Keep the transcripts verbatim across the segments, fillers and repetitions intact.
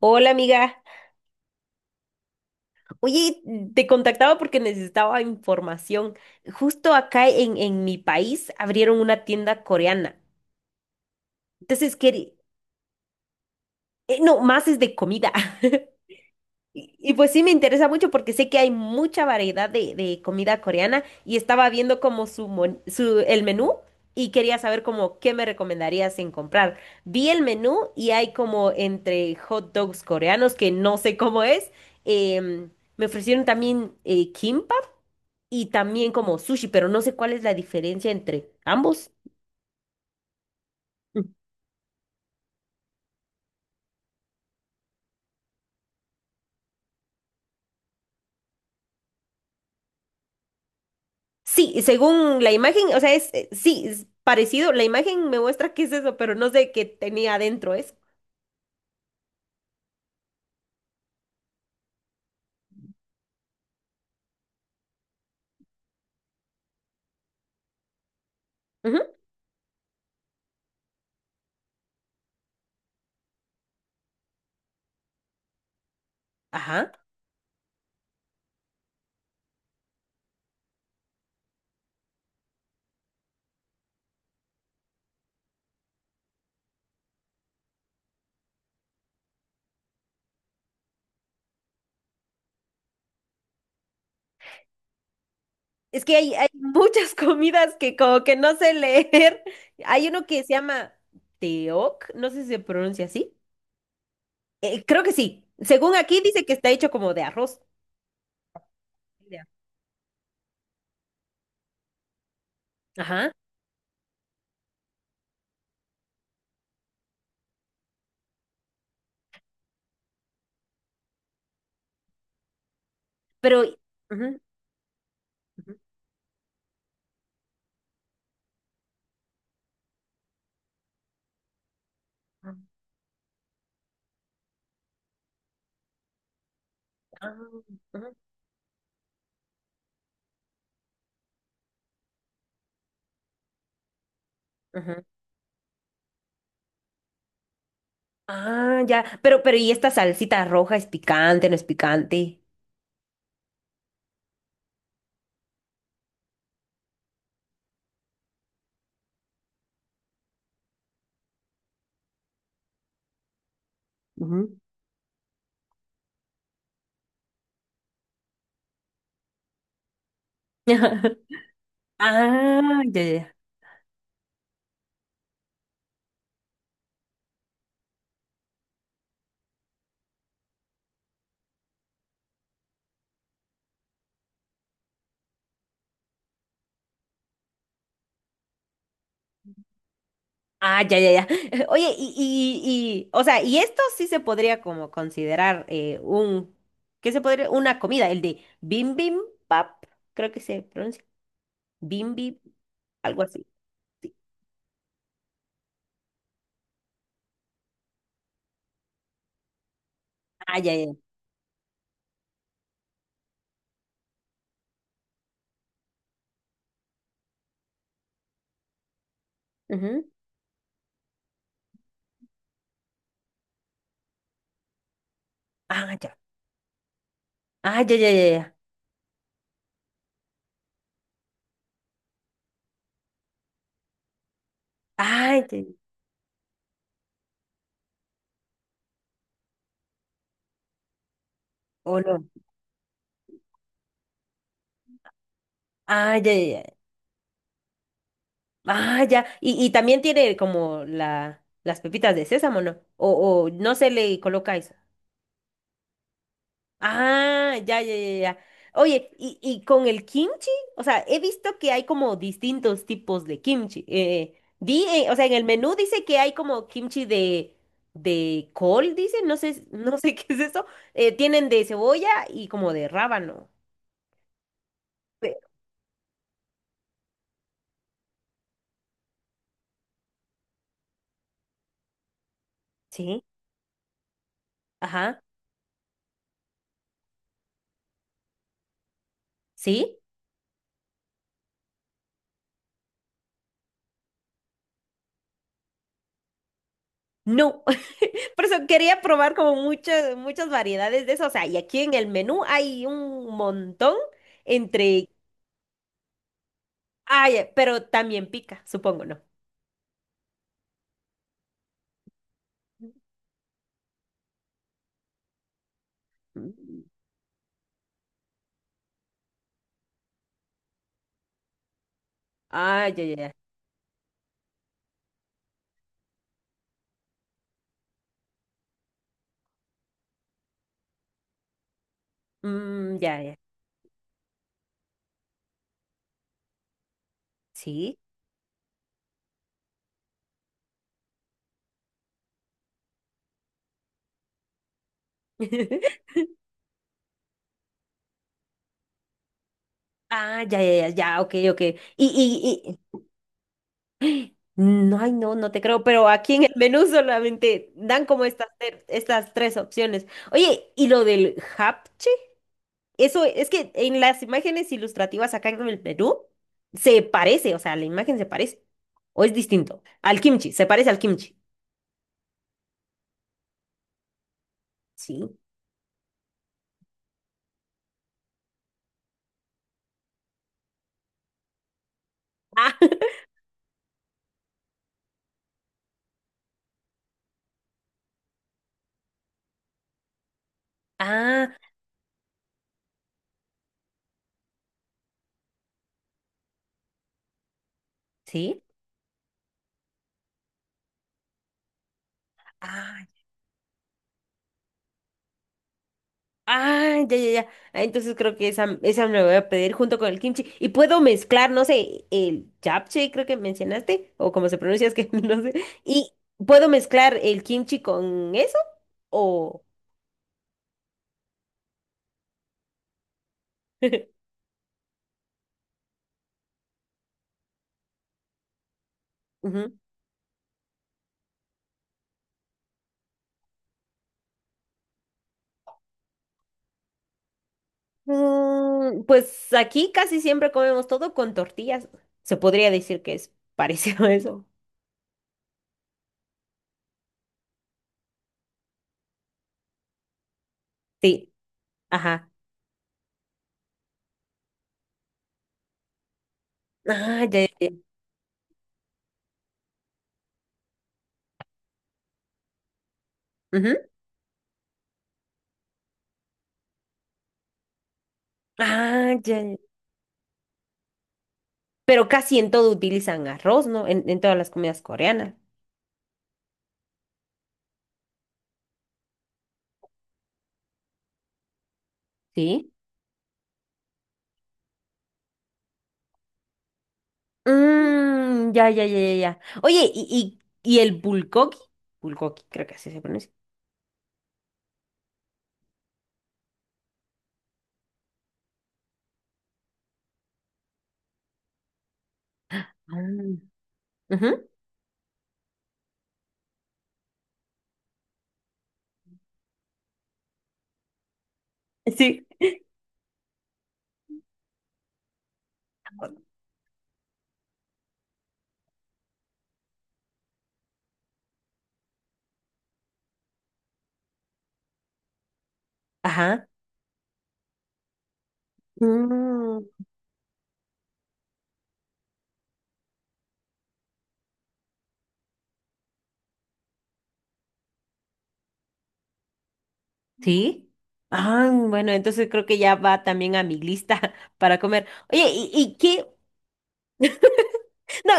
Hola amiga, oye, te contactaba porque necesitaba información. Justo acá en, en mi país abrieron una tienda coreana. Entonces, quería, no, más es de comida. Y, y pues sí me interesa mucho porque sé que hay mucha variedad de, de comida coreana y estaba viendo como su, mon- su el menú y quería saber como qué me recomendarías en comprar. Vi el menú y hay como entre hot dogs coreanos que no sé cómo es. em, me ofrecieron también eh, kimbap y también como sushi, pero no sé cuál es la diferencia entre ambos. Sí, según la imagen, o sea, es, eh, sí, es parecido. La imagen me muestra qué es eso, pero no sé qué tenía adentro eso. Ujú, ajá. Es que hay, hay muchas comidas que como que no sé leer. Hay uno que se llama teoc, no sé si se pronuncia así. Eh, creo que sí. Según aquí dice que está hecho como de arroz. De Ajá. Pero. Ujú, ujú, ah, ujú, ujú. Ujú. Ah, ya. Pero, pero, ¿y esta salsita roja es picante, no es picante? Ujú. Ah, ya, ya, ya. Ah, ya, ya, ya. Oye, y, y, y, o sea, y esto sí se podría como considerar eh, un, ¿qué se podría? Una comida, el de bim bim pap, creo que se pronuncia. Bim bim, algo así. Sí. Ah, ya, ya, ya. Ujú. Ah, ya. Ah, ya, ya, ya, ya. Ah, ya, ya. O no. Ah, ya, ya, ya. Ah, ya. Y, y también tiene como la, las pepitas de sésamo, ¿no? O, o no se le coloca eso. Ah, ya, ya, ya, ya. Oye, ¿y, y con el kimchi? O sea, he visto que hay como distintos tipos de kimchi. Eh, di, eh, o sea, en el menú dice que hay como kimchi de, de col, dice, no sé, no sé qué es eso. Eh, tienen de cebolla y como de rábano. Pe- Sí, ajá, sí. No, por eso quería probar como muchas, muchas variedades de eso. O sea, y aquí en el menú hay un montón entre. Ay, pero también pica, supongo, ¿no? Mm. Ah, ya, ya, ya. Mm, ya, ya. Sí. Ah, ya, ya, ya, ya, ok, ok. Y, y, y... No, ay, no, no te creo, pero aquí en el menú solamente dan como estas, ter- estas tres opciones. Oye, ¿y lo del japchac? Eso es que en las imágenes ilustrativas acá en el Perú se parece, o sea, la imagen se parece o es distinto al kimchi, se parece al kimchi. Sí. Ah, ah, sí. Ah, ah, ya, ya, ya. Ah, entonces creo que esa, esa me voy a pedir junto con el kimchi y puedo mezclar, no sé, el japchae creo que mencionaste o como se pronuncia es que no sé. Y puedo mezclar el kimchi con eso o Ujú. Mm, pues aquí casi siempre comemos todo con tortillas. Se podría decir que es parecido a eso. Sí, ajá. Ah, ya, ya, ya. Ujú. Ah, ya, ya. Pero casi en todo utilizan arroz, ¿no? En, en todas las comidas coreanas. Sí. Mm, ya, ya, ya, ya, ya. Oye, ¿y, y, y el bulgogi? Bulgogi, creo que así se pronuncia. Ah. Ujú. Sí. Ajá. Mm. ¿Sí? Ah, bueno, entonces creo que ya va también a mi lista para comer. Oye, ¿y, y qué? No,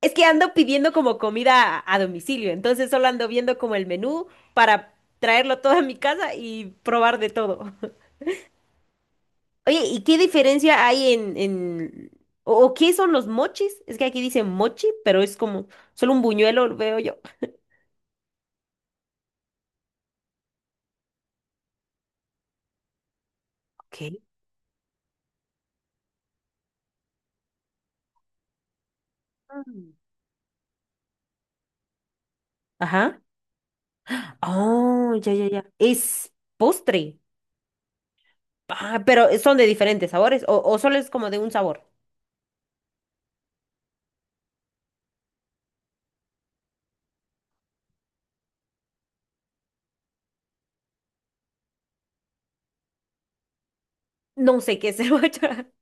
es que ando pidiendo como comida a, a domicilio, entonces solo ando viendo como el menú para traerlo todo a mi casa y probar de todo. Oye, ¿y qué diferencia hay en, en... o, o qué son los mochis? Es que aquí dice mochi, pero es como solo un buñuelo, lo veo yo. Ok. Mm. Ajá. Oh, ya, ya, ya. Es postre. Ah, pero eh, son de diferentes sabores o, o solo es como de un sabor. No sé qué es el matcha.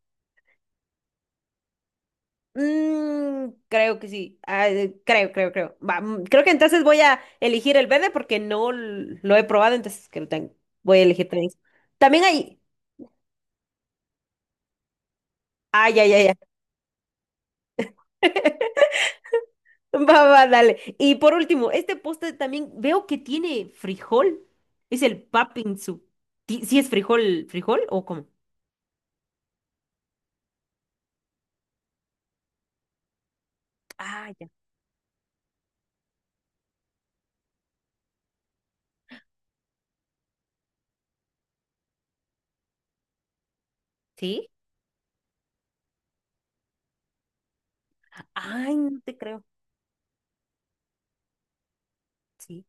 Mm, creo que sí. Ah, eh, creo, creo, creo. Va, mm, creo que entonces voy a elegir el verde porque no l- lo he probado, entonces que lo tengo. Voy a elegir también. También hay. Ay, ay, ay, ay. Va, va, dale. Y por último, este postre también veo que tiene frijol. Es el papinzu. Ti- ¿Sí es frijol, frijol o cómo? Ah, ya. ¿Sí? Ay, no te creo. Sí,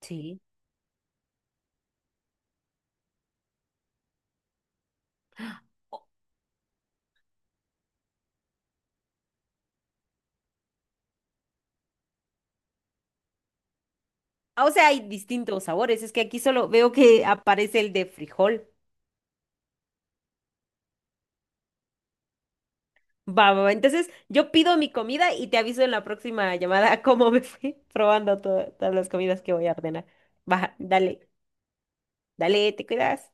sí. Ah, o sea, hay distintos sabores. Es que aquí solo veo que aparece el de frijol. Va, va, va. Entonces, yo pido mi comida y te aviso en la próxima llamada cómo me fui probando to- todas las comidas que voy a ordenar. Va, dale, dale, te cuidas.